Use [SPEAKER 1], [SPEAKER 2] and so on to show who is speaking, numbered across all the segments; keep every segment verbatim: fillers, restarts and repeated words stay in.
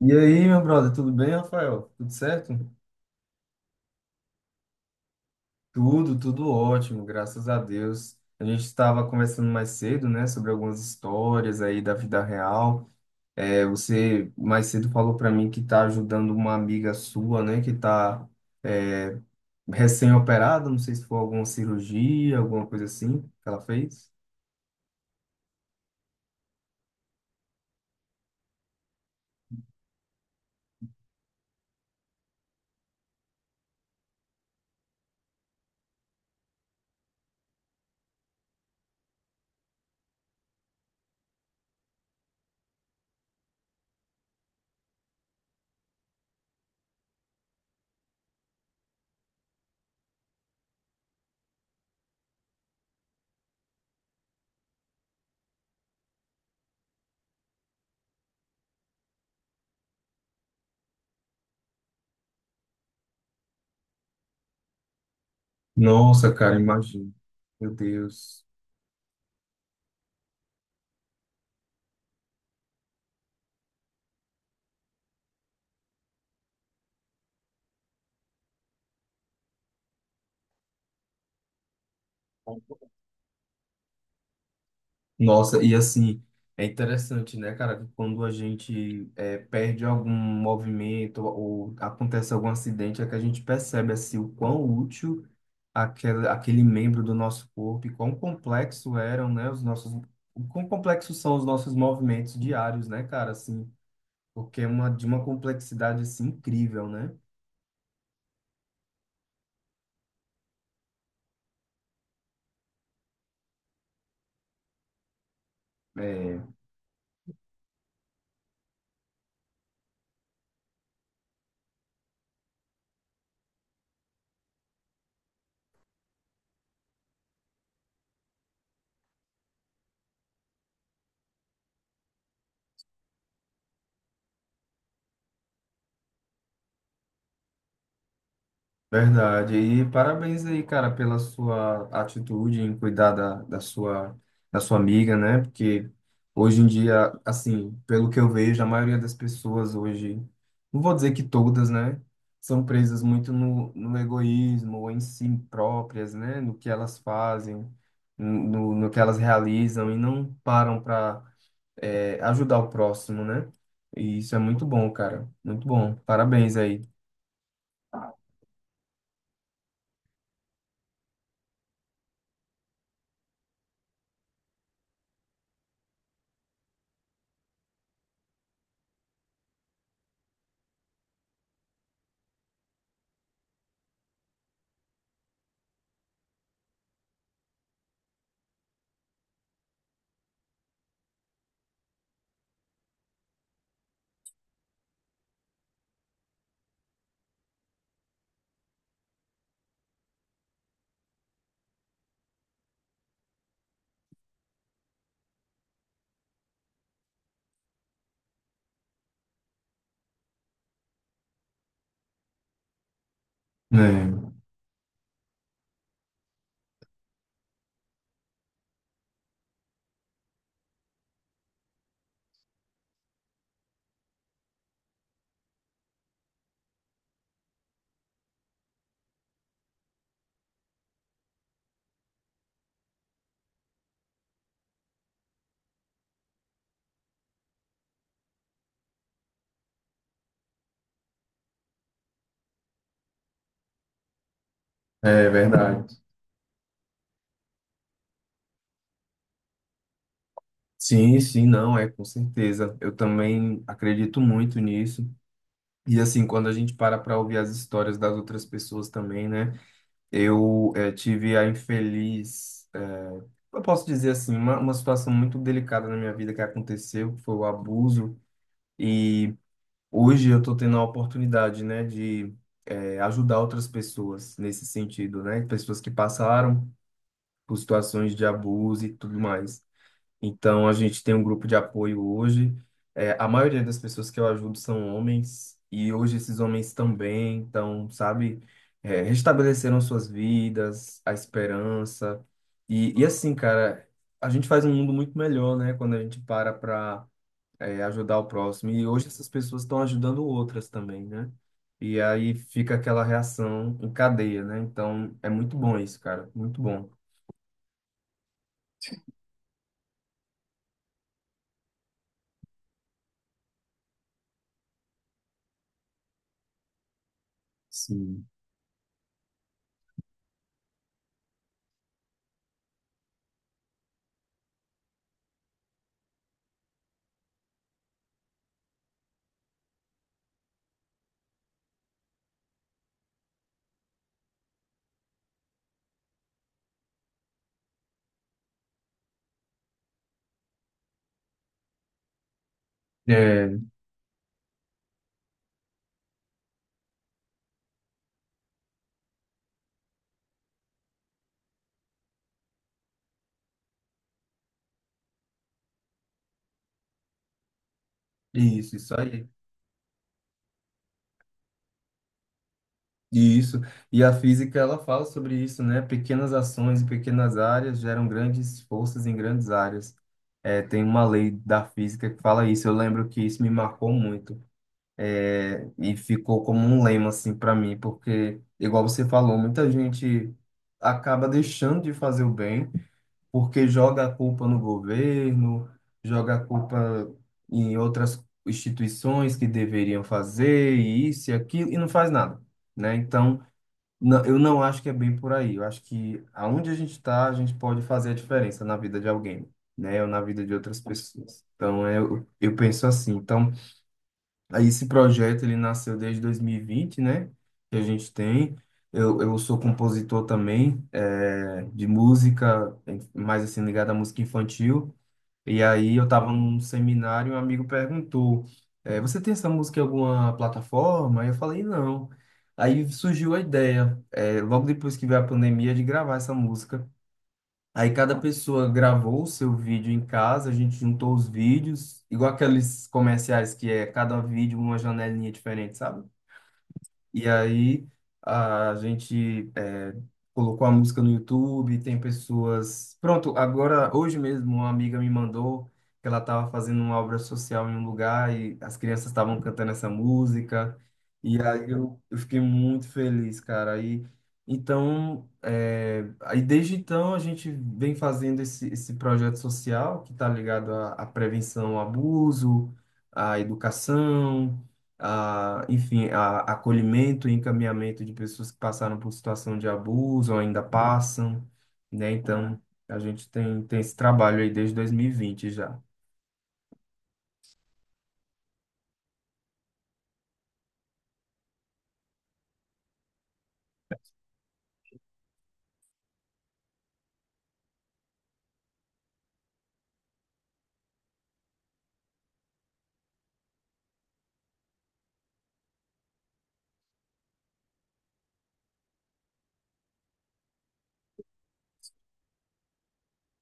[SPEAKER 1] E aí, meu brother, tudo bem, Rafael? Tudo certo? Tudo, tudo ótimo, graças a Deus. A gente estava conversando mais cedo, né, sobre algumas histórias aí da vida real. É, você mais cedo falou para mim que está ajudando uma amiga sua, né, que está recém-operada, não sei se foi alguma cirurgia, alguma coisa assim que ela fez. Nossa, cara, imagina. Meu Deus. Nossa, e assim, é interessante, né, cara, que quando a gente é, perde algum movimento ou acontece algum acidente, é que a gente percebe, assim, o quão útil aquele, aquele membro do nosso corpo e quão complexo eram, né, os nossos... O quão complexos são os nossos movimentos diários, né, cara, assim, porque é uma, de uma complexidade, assim, incrível, né? É, verdade. E parabéns aí, cara, pela sua atitude em cuidar da, da sua, da sua amiga, né? Porque hoje em dia, assim, pelo que eu vejo, a maioria das pessoas hoje, não vou dizer que todas, né? São presas muito no, no egoísmo, ou em si próprias, né? No que elas fazem, no, no que elas realizam, e não param para ajudar o próximo, né? E isso é muito bom, cara. Muito bom. Parabéns aí. É, é verdade. Sim, sim, não, é com certeza. Eu também acredito muito nisso. E assim, quando a gente para para ouvir as histórias das outras pessoas também, né? Eu eh, tive a infeliz, eh, eu posso dizer assim, uma, uma situação muito delicada na minha vida que aconteceu, que foi o abuso. E hoje eu estou tendo a oportunidade, né, de eh, ajudar outras pessoas nesse sentido, né? Pessoas que passaram por situações de abuso e tudo mais. Então, a gente tem um grupo de apoio hoje. É, a maioria das pessoas que eu ajudo são homens, e hoje esses homens também estão, sabe, é, restabeleceram suas vidas, a esperança. E, e assim, cara, a gente faz um mundo muito melhor, né, quando a gente para para ajudar o próximo. E hoje essas pessoas estão ajudando outras também, né? E aí fica aquela reação em cadeia, né? Então, é muito bom isso, cara, muito bom. Sim. É, isso, isso aí. Isso. E a física, ela fala sobre isso, né? Pequenas ações em pequenas áreas geram grandes forças em grandes áreas. É, tem uma lei da física que fala isso. Eu lembro que isso me marcou muito. É, e ficou como um lema, assim, para mim, porque, igual você falou, muita gente acaba deixando de fazer o bem porque joga a culpa no governo, joga a culpa em outras instituições que deveriam fazer, e isso e aquilo, e não faz nada, né? Então. Não, eu não acho que é bem por aí. Eu acho que aonde a gente está, a gente pode fazer a diferença na vida de alguém, né? Ou na vida de outras pessoas. Então, é, eu, eu penso assim. Então, aí esse projeto, ele nasceu desde dois mil e vinte, né? Que a gente tem. Eu, eu sou compositor também, eh, de música, mais assim, ligado à música infantil. E aí eu tava num seminário e um amigo perguntou, eh, você tem essa música em alguma plataforma? Aí eu falei, não. Aí surgiu a ideia, eh, logo depois que veio a pandemia, de gravar essa música. Aí cada pessoa gravou o seu vídeo em casa, a gente juntou os vídeos, igual aqueles comerciais que é cada vídeo uma janelinha diferente, sabe? E aí a gente é, colocou a música no YouTube, tem pessoas. Pronto, agora, hoje mesmo, uma amiga me mandou que ela estava fazendo uma obra social em um lugar e as crianças estavam cantando essa música. E aí eu, eu fiquei muito feliz, cara. Aí, então, é, aí desde então a gente vem fazendo esse, esse projeto social que está ligado à, à prevenção ao abuso, à educação a, enfim, a, acolhimento e encaminhamento de pessoas que passaram por situação de abuso ou ainda passam, né? Então, a gente tem, tem esse trabalho aí desde dois mil e vinte já.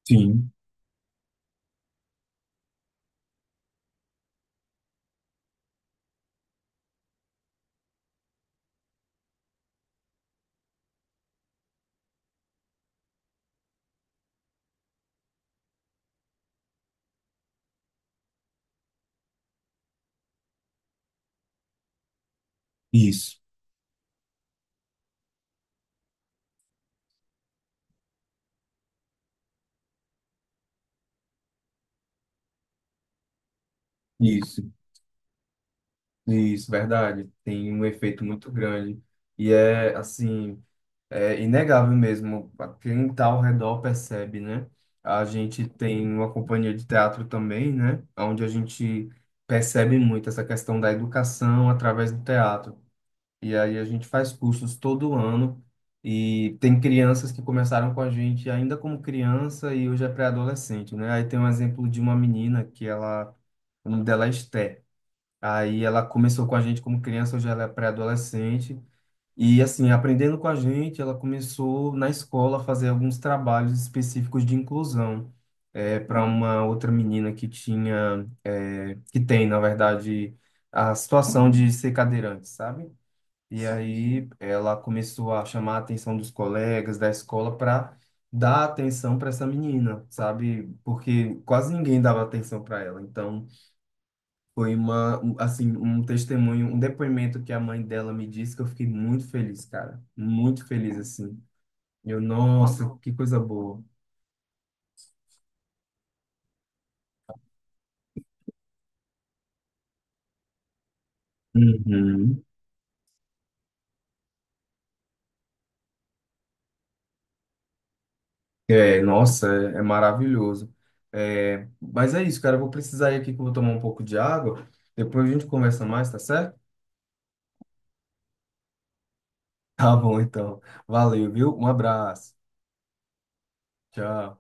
[SPEAKER 1] Sim, isso, isso, isso, verdade. Tem um efeito muito grande. E é, assim, é inegável mesmo. Quem está ao redor percebe, né? A gente tem uma companhia de teatro também, né? Onde a gente percebe muito essa questão da educação através do teatro. E aí a gente faz cursos todo ano e tem crianças que começaram com a gente ainda como criança e hoje é pré-adolescente, né? Aí tem um exemplo de uma menina que ela, o nome dela é Esté. Aí ela começou com a gente como criança, hoje ela é pré-adolescente. E assim, aprendendo com a gente, ela começou na escola a fazer alguns trabalhos específicos de inclusão. É, para uma outra menina que tinha, é, que tem, na verdade, a situação de ser cadeirante, sabe? E aí ela começou a chamar a atenção dos colegas da escola para dar atenção para essa menina, sabe? Porque quase ninguém dava atenção para ela. Então foi uma, um- assim, um testemunho, um depoimento que a mãe dela me disse que eu fiquei muito feliz, cara. Muito feliz, assim. Eu, nossa, que coisa boa. Uhum. É, nossa, é, é maravilhoso. É, mas é isso, cara. Eu vou precisar ir aqui que eu vou tomar um pouco de água. Depois a gente conversa mais, tá certo? Tá bom, então. Valeu, viu? Um abraço. Tchau.